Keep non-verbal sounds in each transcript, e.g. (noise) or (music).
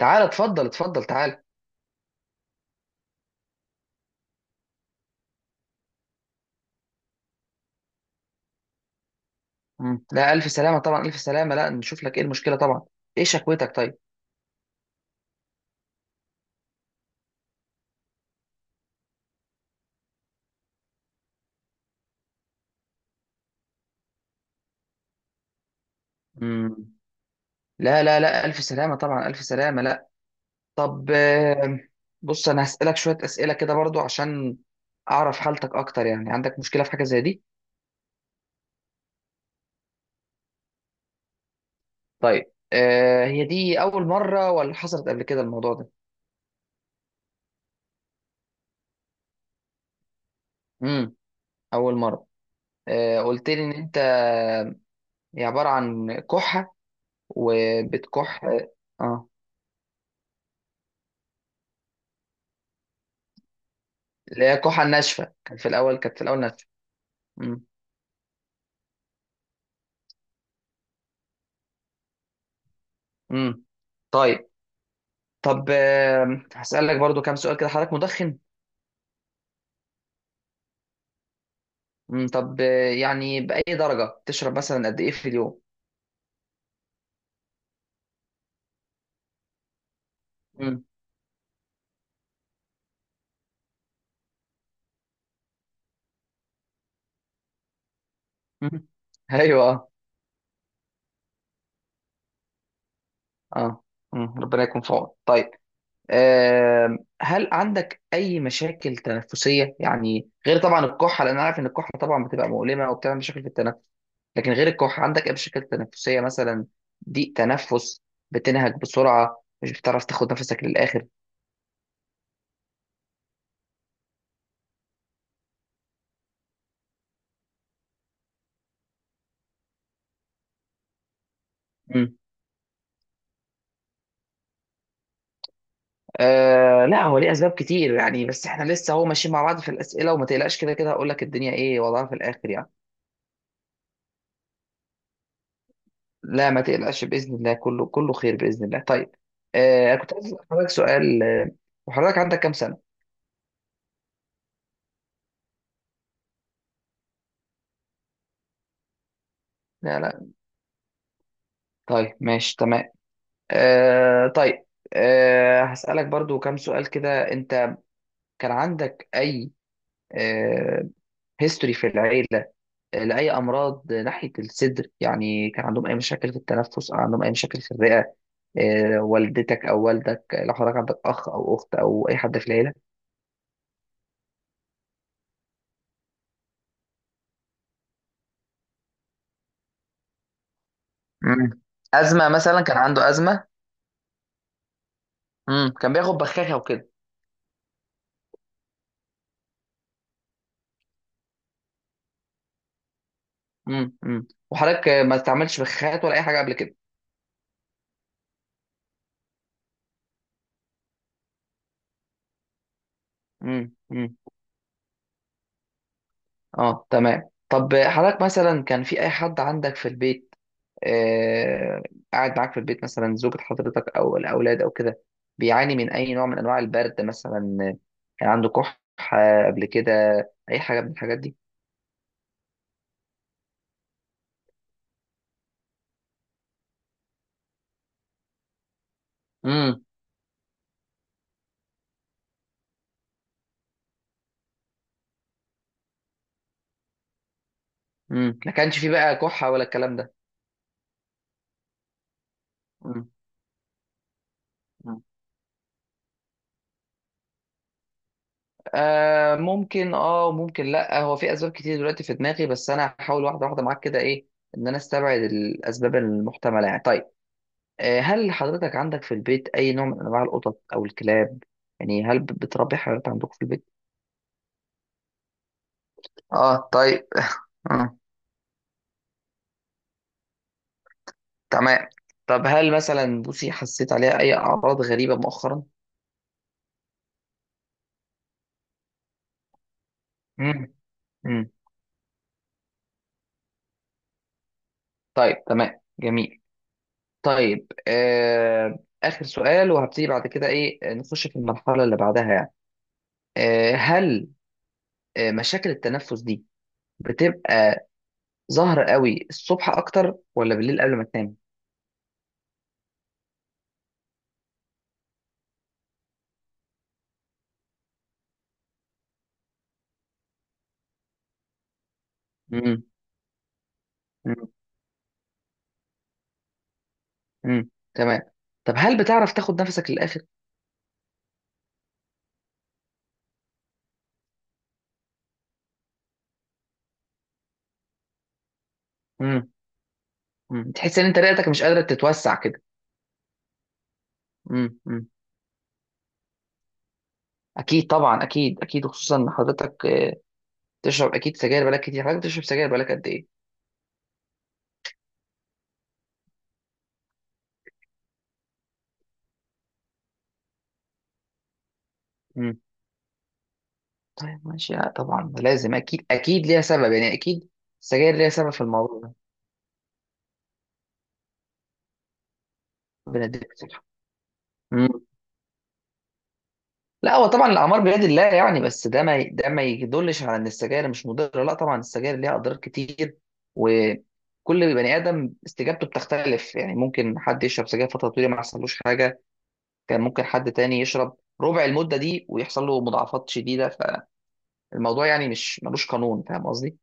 تعالى اتفضل اتفضل تعالى. مم. لا، الف سلامه طبعا، الف سلامه، لا نشوف لك ايه المشكله طبعا. ايه شكوتك؟ طيب. امم. لا لا لا، الف سلامه طبعا، الف سلامه، لا. طب، بص انا هسالك شويه اسئله كده برضو عشان اعرف حالتك اكتر، يعني عندك مشكله في حاجه زي دي؟ طيب. هي دي اول مره ولا حصلت قبل كده الموضوع ده؟ امم. اول مره. قلت لي ان انت هي عباره عن كحه وبتكح. اه اللي هي كحه ناشفه، كانت في الاول ناشفه. مم. مم. طيب. طب، هسألك برضو كام سؤال كده، حضرتك مدخن؟ مم. طب، يعني بأي درجة تشرب مثلا؟ قد إيه في اليوم؟ مم. مم. (laughs) أيوه، أه. أه. مم. ربنا يكون في عونك. طيب. هل عندك أي مشاكل تنفسية، يعني غير طبعا الكحة، لأن أنا عارف إن الكحة طبعا بتبقى مؤلمة وبتعمل مشاكل في التنفس؟ لكن غير الكحة، عندك أي مشاكل تنفسية مثلا؟ ضيق تنفس؟ بتنهج بسرعة، مش بتعرف تاخد نفسك للآخر؟ لا، هو ليه اسباب كتير يعني، بس احنا لسه هو ماشيين مع بعض في الاسئله، وما تقلقش، كده كده هقول لك الدنيا ايه وضعها في الاخر يعني. لا ما تقلقش، باذن الله كله كله خير باذن الله. طيب. كنت عايز اسال حضرتك سؤال، وحضرتك عندك كام سنه؟ لا لا. طيب، ماشي، تمام. طيب. هسالك برضو كام سؤال كده، انت كان عندك اي آه هيستوري في العيله لاي امراض ناحيه الصدر، يعني كان عندهم اي مشاكل في التنفس او عندهم اي مشاكل في الرئه؟ والدتك او والدك، لو حضرتك عندك اخ او اخت او اي حد في العيله. مم. ازمه مثلا؟ كان عنده ازمه؟ مم. كان بياخد بخاخه وكده؟ مم. مم. وحضرتك ما استعملش بخاخات ولا اي حاجه قبل كده؟ مم. مم. اه، تمام. طب، حضرتك مثلا كان في اي حد عندك في البيت، آه، قاعد معاك في البيت، مثلا زوجة حضرتك أو الأولاد أو كده، بيعاني من أي نوع من أنواع البرد مثلا، كان عنده كحة قبل كده؟ أي حاجة من الحاجات دي؟ امم ما كانش فيه بقى كحة ولا الكلام ده؟ امم ممكن، اه، وممكن لا. هو في أسباب كتير دلوقتي في دماغي، بس أنا هحاول واحدة واحدة معاك كده، إيه إن أنا أستبعد الأسباب المحتملة يعني. طيب، هل حضرتك عندك في البيت أي نوع من أنواع القطط أو الكلاب؟ يعني هل بتربي حيوانات عندكم في البيت؟ اه، طيب. (laughs) آه. تمام. طب هل مثلا بوسي حسيت عليها اي اعراض غريبة مؤخرا؟ مم. مم. طيب، تمام، جميل. طيب، آخر سؤال وهبتدي بعد كده، إيه نخش في المرحلة اللي بعدها يعني. هل مشاكل التنفس دي بتبقى ظاهرة قوي الصبح أكتر ولا بالليل قبل ما تنام؟ مم. مم. مم. تمام. طب هل بتعرف تاخد نفسك للآخر؟ مم. مم. تحس إن أنت رئتك مش قادرة تتوسع كده؟ مم. مم. اكيد طبعا، اكيد اكيد، وخصوصا ان حضرتك بتشرب اكيد سجاير بقالك كتير. حضرتك بتشرب سجاير بقالك قد ايه؟ مم. طيب، ماشي. لا طبعا ده لازم، اكيد اكيد ليها سبب يعني، اكيد السجاير ليها سبب في الموضوع ده. ربنا يديك الصحة. مم. لا هو طبعا الاعمار بيد الله يعني، بس ده ما يدلش على ان السجاير مش مضره، لا طبعا السجاير ليها اضرار كتير. وكل بني ادم استجابته بتختلف، يعني ممكن حد يشرب سجاير فتره طويله ما يحصلوش حاجه، كان ممكن حد تاني يشرب ربع المده دي ويحصل له مضاعفات شديده. الموضوع يعني مش ملوش قانون، فاهم قصدي؟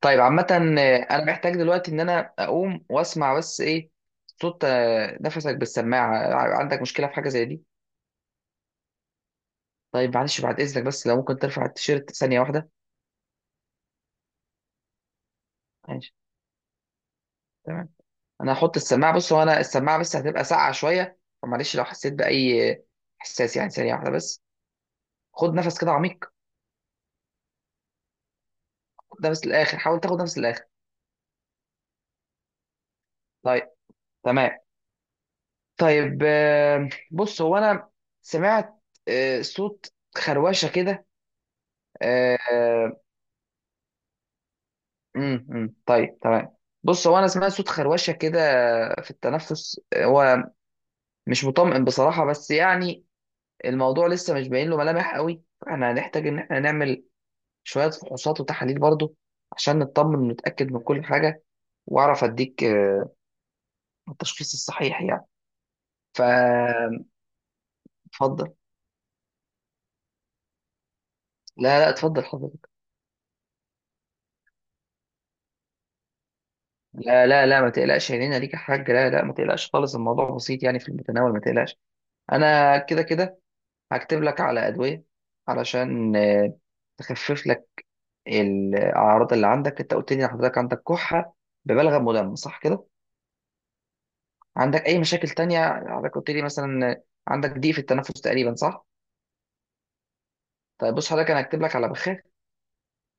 طيب عامة، انا محتاج دلوقتي ان انا اقوم واسمع بس ايه صوت نفسك بالسماعة، عندك مشكلة في حاجة زي دي؟ طيب، معلش بعد اذنك، بس لو ممكن ترفع التيشيرت ثانية واحدة. ماشي. تمام. انا هحط السماعة، بص هو انا السماعة بس هتبقى ساقعة شوية، فمعلش لو حسيت بأي احساس يعني، ثانية واحدة بس. خد نفس كده عميق. خد نفس للآخر، حاول تاخد نفس للآخر. طيب. تمام. طيب، بص هو انا سمعت صوت خروشة كده آه، أمم، أمم. طيب، تمام. بص هو انا سمعت صوت خروشه كده في التنفس، هو مش مطمئن بصراحه، بس يعني الموضوع لسه مش باين له ملامح قوي، فاحنا هنحتاج ان احنا نعمل شويه فحوصات وتحاليل برضو عشان نطمن ونتاكد من كل حاجه، واعرف اديك التشخيص الصحيح يعني. فاتفضل. لا لا، اتفضل حضرتك. لا لا لا، ما تقلقش، عينينا ليك يا حاج، لا لا، ما تقلقش خالص، الموضوع بسيط يعني في المتناول، ما تقلقش. انا كده كده هكتب لك على أدوية علشان تخفف لك الأعراض اللي عندك. أنت قلت لي إن حضرتك عندك كحة ببلغم مدمر، صح كده؟ عندك أي مشاكل تانية؟ حضرتك قلت لي مثلا عندك ضيق في التنفس تقريبا، صح؟ طيب بص حضرتك، أنا هكتب لك على بخاخ.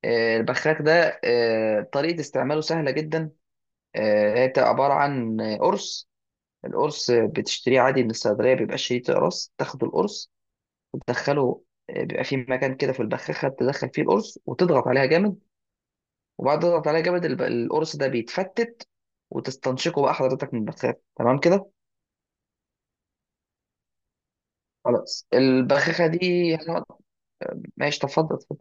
البخاخ ده طريقة استعماله سهلة جدا. هي بتبقى عبارة عن قرص. القرص بتشتريه عادي من الصيدلية، بيبقى شريط قرص، تاخد القرص وتدخله، بيبقى في مكان كده في البخاخة تدخل فيه القرص وتضغط عليها جامد. وبعد ما تقطع عليها جامد القرص ده بيتفتت، وتستنشقه بقى حضرتك من البخاخة، تمام كده. خلاص، البخاخة دي هنقعد. ماشي طب، اتفضل اتفضل.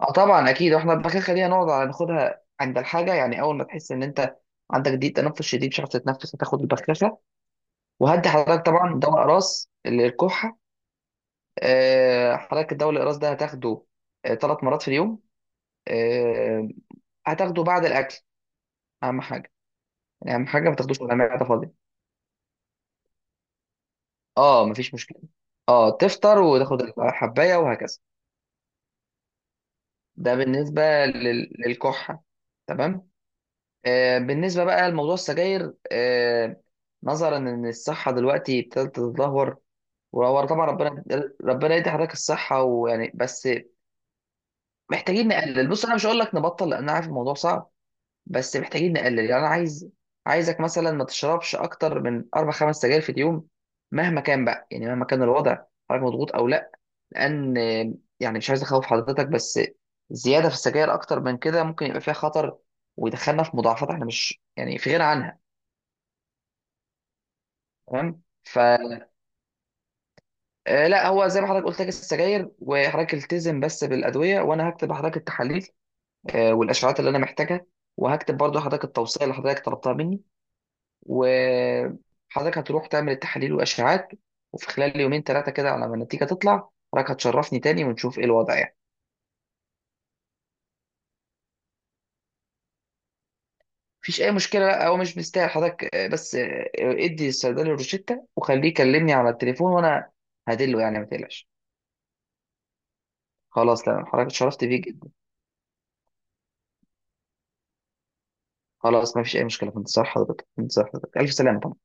اه طبعا اكيد، واحنا البخاخة دي هنقعد على ناخدها عند الحاجة، يعني اول ما تحس ان انت عندك ضيق تنفس شديد مش عارف تتنفس هتاخد البخاخة. وهدي حضرتك طبعا دواء اقراص للكحة، حضرتك الدواء الاقراص ده هتاخده 3 مرات في اليوم، آه، هتاخده بعد الاكل. اهم حاجة، يعني اهم حاجة ما تاخدوش ولا معدة خالص. اه مفيش مشكله. اه تفطر وتاخد الحبايه وهكذا. ده بالنسبه للكحه. تمام. بالنسبه بقى لموضوع السجاير، نظرا ان الصحه دلوقتي ابتدت تتدهور، وهو طبعا ربنا يدي حضرتك الصحه ويعني، بس محتاجين نقلل. بص انا مش هقول لك نبطل لان انا عارف الموضوع صعب، بس محتاجين نقلل. يعني انا عايزك مثلا ما تشربش اكتر من اربع خمس سجاير في اليوم، مهما كان بقى، يعني مهما كان الوضع، حضرتك مضغوط او لا. لان يعني مش عايز اخوف حضرتك، بس زياده في السجاير اكتر من كده ممكن يبقى فيها خطر ويدخلنا في مضاعفات احنا مش يعني في غنى عنها. تمام. ف آه، لا هو زي ما حضرتك قلت لك السجاير، وحضرتك التزم بس بالادويه، وانا هكتب لحضرتك التحاليل والاشعاعات اللي انا محتاجها، وهكتب برضو حضرتك التوصيه اللي حضرتك طلبتها مني. وحضرتك هتروح تعمل التحاليل والاشعاعات، وفي خلال يومين ثلاثه كده على ما النتيجه تطلع حضرتك هتشرفني تاني ونشوف ايه الوضع يعني. مفيش اي مشكله، لا هو مش مستاهل حضرتك، بس ادي الصيدلي الروشتة وخليه يكلمني على التليفون وانا هدله يعني، ما تقلقش. خلاص تمام، حضرتك اتشرفت بيك جدا. خلاص مفيش اي مشكله، في انتظار حضرتك، في انتظار حضرتك، الف سلامه.